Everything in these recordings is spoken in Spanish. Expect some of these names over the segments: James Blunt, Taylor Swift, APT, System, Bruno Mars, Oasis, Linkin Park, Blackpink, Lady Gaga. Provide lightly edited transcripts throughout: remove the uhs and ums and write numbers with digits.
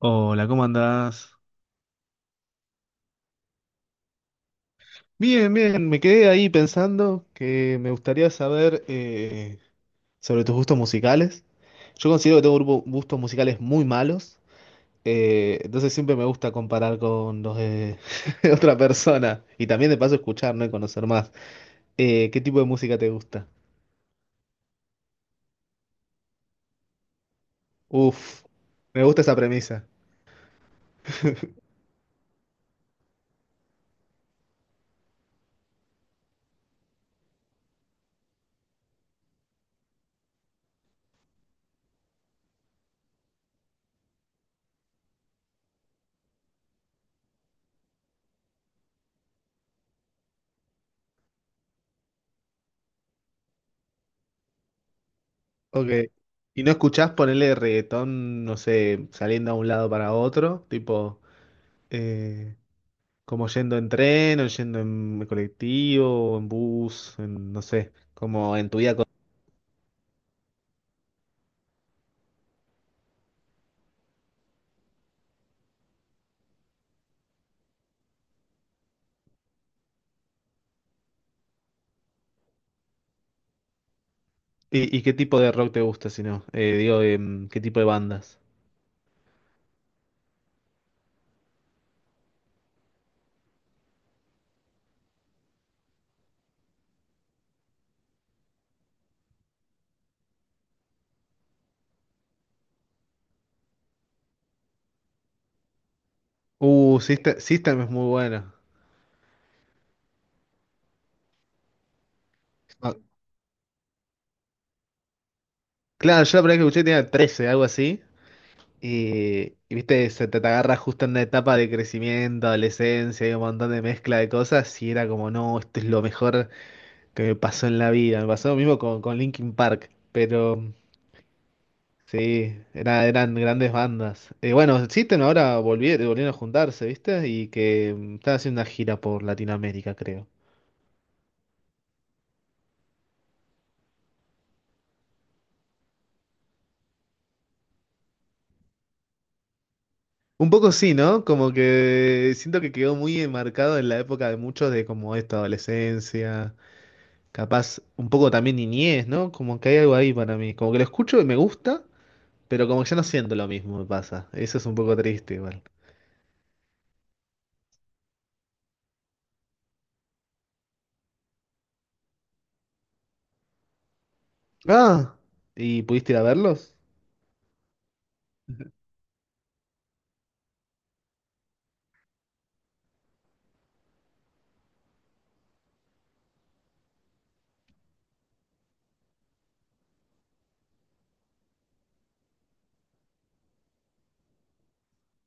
Hola, ¿cómo andás? Bien, bien, me quedé ahí pensando que me gustaría saber sobre tus gustos musicales. Yo considero que tengo gustos musicales muy malos, entonces siempre me gusta comparar con los de, de otra persona y también de paso escuchar, ¿no? Y conocer más. ¿Qué tipo de música te gusta? Uf, me gusta esa premisa. Ok. ¿Y no escuchás ponerle reggaetón, no sé, saliendo a un lado para otro? Tipo... eh, como yendo en tren, o yendo en colectivo, o en bus, en, no sé, como en tu vida. ¿Y qué tipo de rock te gusta, si no? Digo, ¿qué tipo de bandas? System es muy bueno. Ah, claro, yo la primera vez que escuché tenía 13, algo así. Y, viste, se te agarra justo en una etapa de crecimiento, adolescencia, y un montón de mezcla de cosas. Y era como, no, esto es lo mejor que me pasó en la vida. Me pasó lo mismo con Linkin Park. Pero. Sí, eran grandes bandas. Bueno, existen ahora, volvieron a juntarse, ¿viste? Y que están haciendo una gira por Latinoamérica, creo. Un poco sí, ¿no? Como que siento que quedó muy enmarcado en la época de muchos de como esta adolescencia, capaz un poco también niñez, ¿no? Como que hay algo ahí para mí. Como que lo escucho y me gusta, pero como que ya no siento lo mismo, me pasa. Eso es un poco triste igual. Ah, ¿y pudiste ir a verlos?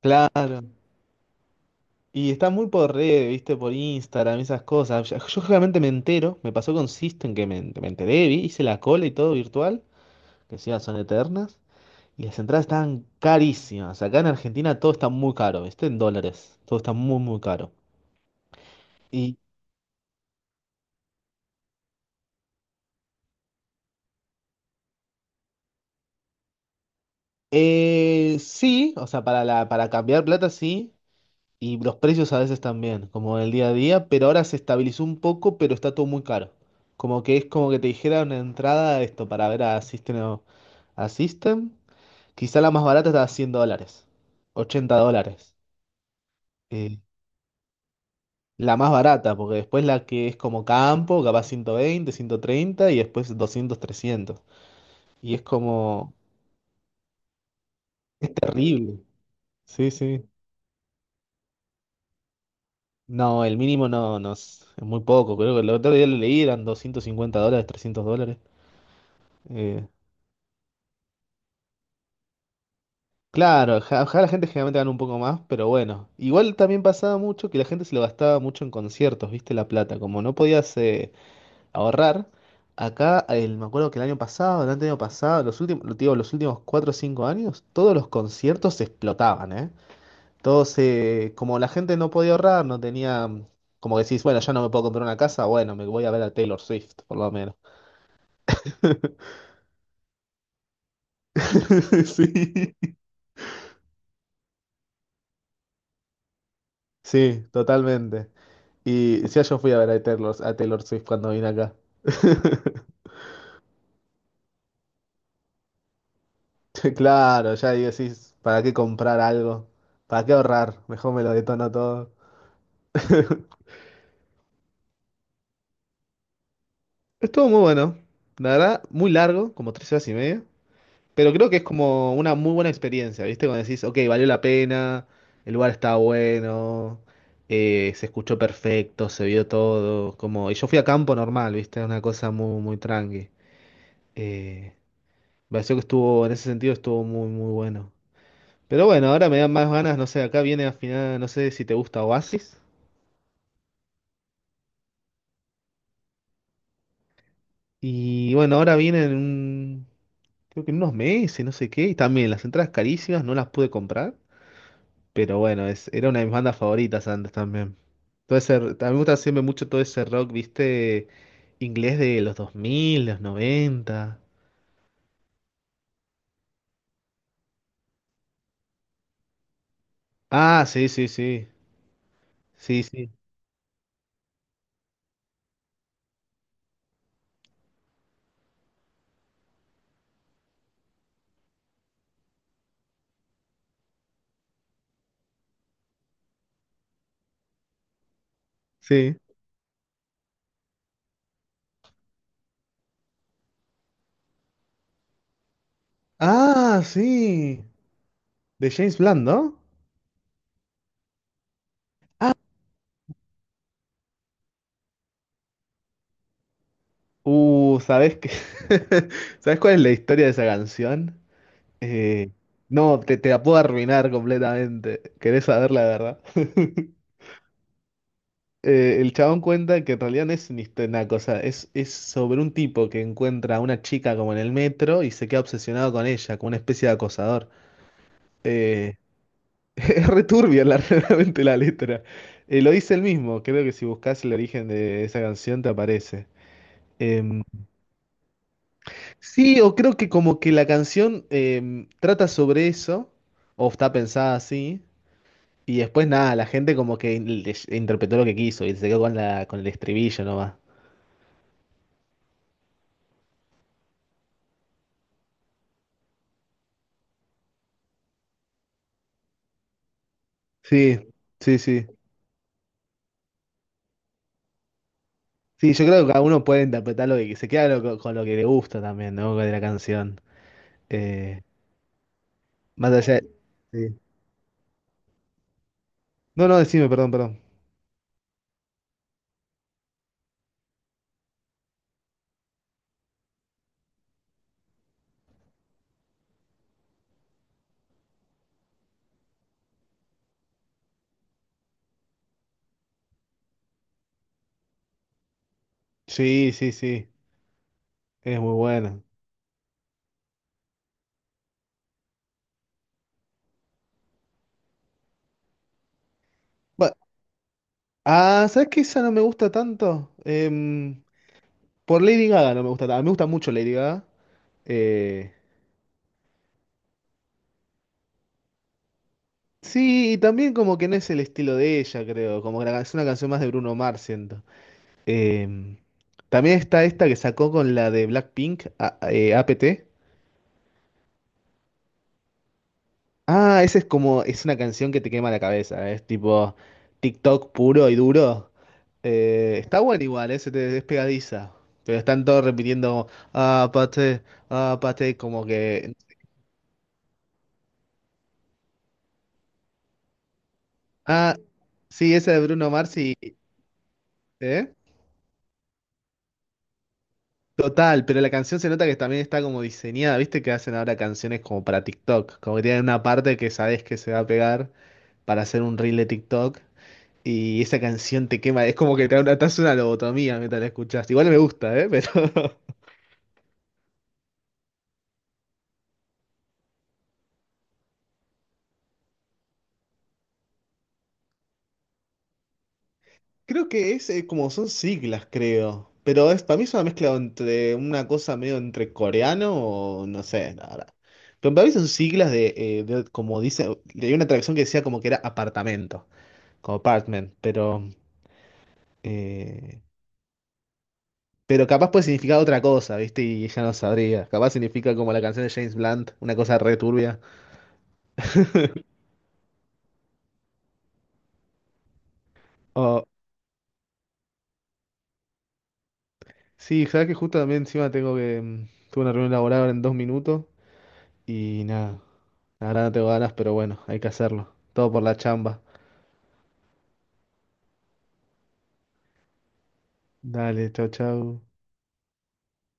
Claro. Y está muy por red, viste, por Instagram, esas cosas. Yo generalmente me entero, me pasó con System que me enteré, vi, hice la cola y todo virtual, que sí, son eternas, y las entradas estaban carísimas. Acá en Argentina todo está muy caro, viste, en dólares, todo está muy, muy caro. Y sí, o sea, para cambiar plata sí, y los precios a veces también, como el día a día, pero ahora se estabilizó un poco, pero está todo muy caro. Como que es como que te dijera una entrada esto para ver a System, a System. Quizá la más barata está a $100, $80. Eh, la más barata, porque después la que es como campo, capaz 120, 130 y después 200, 300. Y es como es terrible. Sí, sí. No, el mínimo no, no es muy poco. Creo que el otro día lo leí, eran $250, $300. Eh, claro, acá la gente generalmente gana un poco más, pero bueno. Igual también pasaba mucho que la gente se lo gastaba mucho en conciertos, ¿viste? La plata. Como no podías... ahorrar. Acá, me acuerdo que el año pasado, los últimos, digo, los últimos 4 o 5 años, todos los conciertos se explotaban, ¿eh? Todos, como la gente no podía ahorrar, no tenía, como que decís, bueno, ya no me puedo comprar una casa, bueno, me voy a ver a Taylor Swift, por lo menos. Sí, sí, totalmente. Y ya yo fui a ver a Taylor Swift cuando vine acá. Claro, ya ahí decís, ¿para qué comprar algo? ¿Para qué ahorrar? Mejor me lo detono todo. Estuvo muy bueno. La verdad, muy largo, como 3 horas y media. Pero creo que es como una muy buena experiencia, ¿viste? Cuando decís, ok, valió la pena, el lugar estaba bueno, se escuchó perfecto, se vio todo. Como... Y yo fui a campo normal, ¿viste? Una cosa muy, muy tranqui. Eh, me pareció que estuvo, en ese sentido, estuvo muy, muy bueno. Pero bueno, ahora me dan más ganas, no sé, acá viene al final, no sé si te gusta Oasis. Y bueno, ahora viene un creo que en unos meses, no sé qué, y también las entradas carísimas, no las pude comprar, pero bueno, es, era una de mis bandas favoritas antes también. Todo ese, a mí me gusta siempre mucho todo ese rock, viste, inglés de los dos mil los noventa. Ah, sí, sí, sí, sí, sí, sí. Ah, sí, de James Blunt, ¿no? ¿Sabes qué? ¿Sabes cuál es la historia de esa canción? Eh, no, te la puedo arruinar completamente. ¿Querés saber la verdad? El chabón cuenta que en realidad no es ni este naco, es sobre un tipo que encuentra a una chica como en el metro y se queda obsesionado con ella, como una especie de acosador. Eh, es returbia la, realmente la letra. Lo dice él mismo, creo que si buscas el origen de esa canción te aparece. Em, sí, o creo que como que la canción trata sobre eso, o está pensada así, y después nada, la gente como que interpretó lo que quiso y se quedó con la, con el estribillo nomás. Sí, sí, sí. Sí, yo creo que cada uno puede interpretar lo que se queda con lo que le gusta también, ¿no? De la canción. Eh, más allá sí. No, no, decime, perdón, perdón. Sí, sí, sí. Es muy buena. Bueno, ah, ¿sabes qué? Esa no me gusta tanto. Por Lady Gaga no me gusta tanto. Me gusta mucho Lady Gaga. Eh, sí, y también como que no es el estilo de ella, creo. Como que la es una canción más de Bruno Mars, siento. Em, también está esta que sacó con la de Blackpink, APT. Ah, ese es como, es una canción que te quema la cabeza, es tipo TikTok puro y duro. Está bueno igual, ese te, es pegadiza. Pero están todos repitiendo, ah, pate, ah, pate, como que... Ah, sí, esa de Bruno Mars y... ¿eh? Total, pero la canción se nota que también está como diseñada, ¿viste? Que hacen ahora canciones como para TikTok, como que tienen una parte que sabes que se va a pegar para hacer un reel de TikTok. Y esa canción te quema, es como que te hace una lobotomía mientras la escuchas. Igual me gusta, ¿eh? Pero creo que es como son siglas, creo. Pero es, para mí es una mezcla entre una cosa medio entre coreano o no sé, la verdad. Pero para mí son siglas de, como dice, leí una traducción que decía como que era apartamento, como apartment, eh, pero capaz puede significar otra cosa, ¿viste? Y ella no sabría. Capaz significa como la canción de James Blunt, una cosa re turbia. Sí, sabes que justo también encima tengo que. Tuve una reunión laboral ahora en 2 minutos y nada. Ahora no tengo ganas, pero bueno, hay que hacerlo. Todo por la chamba. Dale, chau, chau.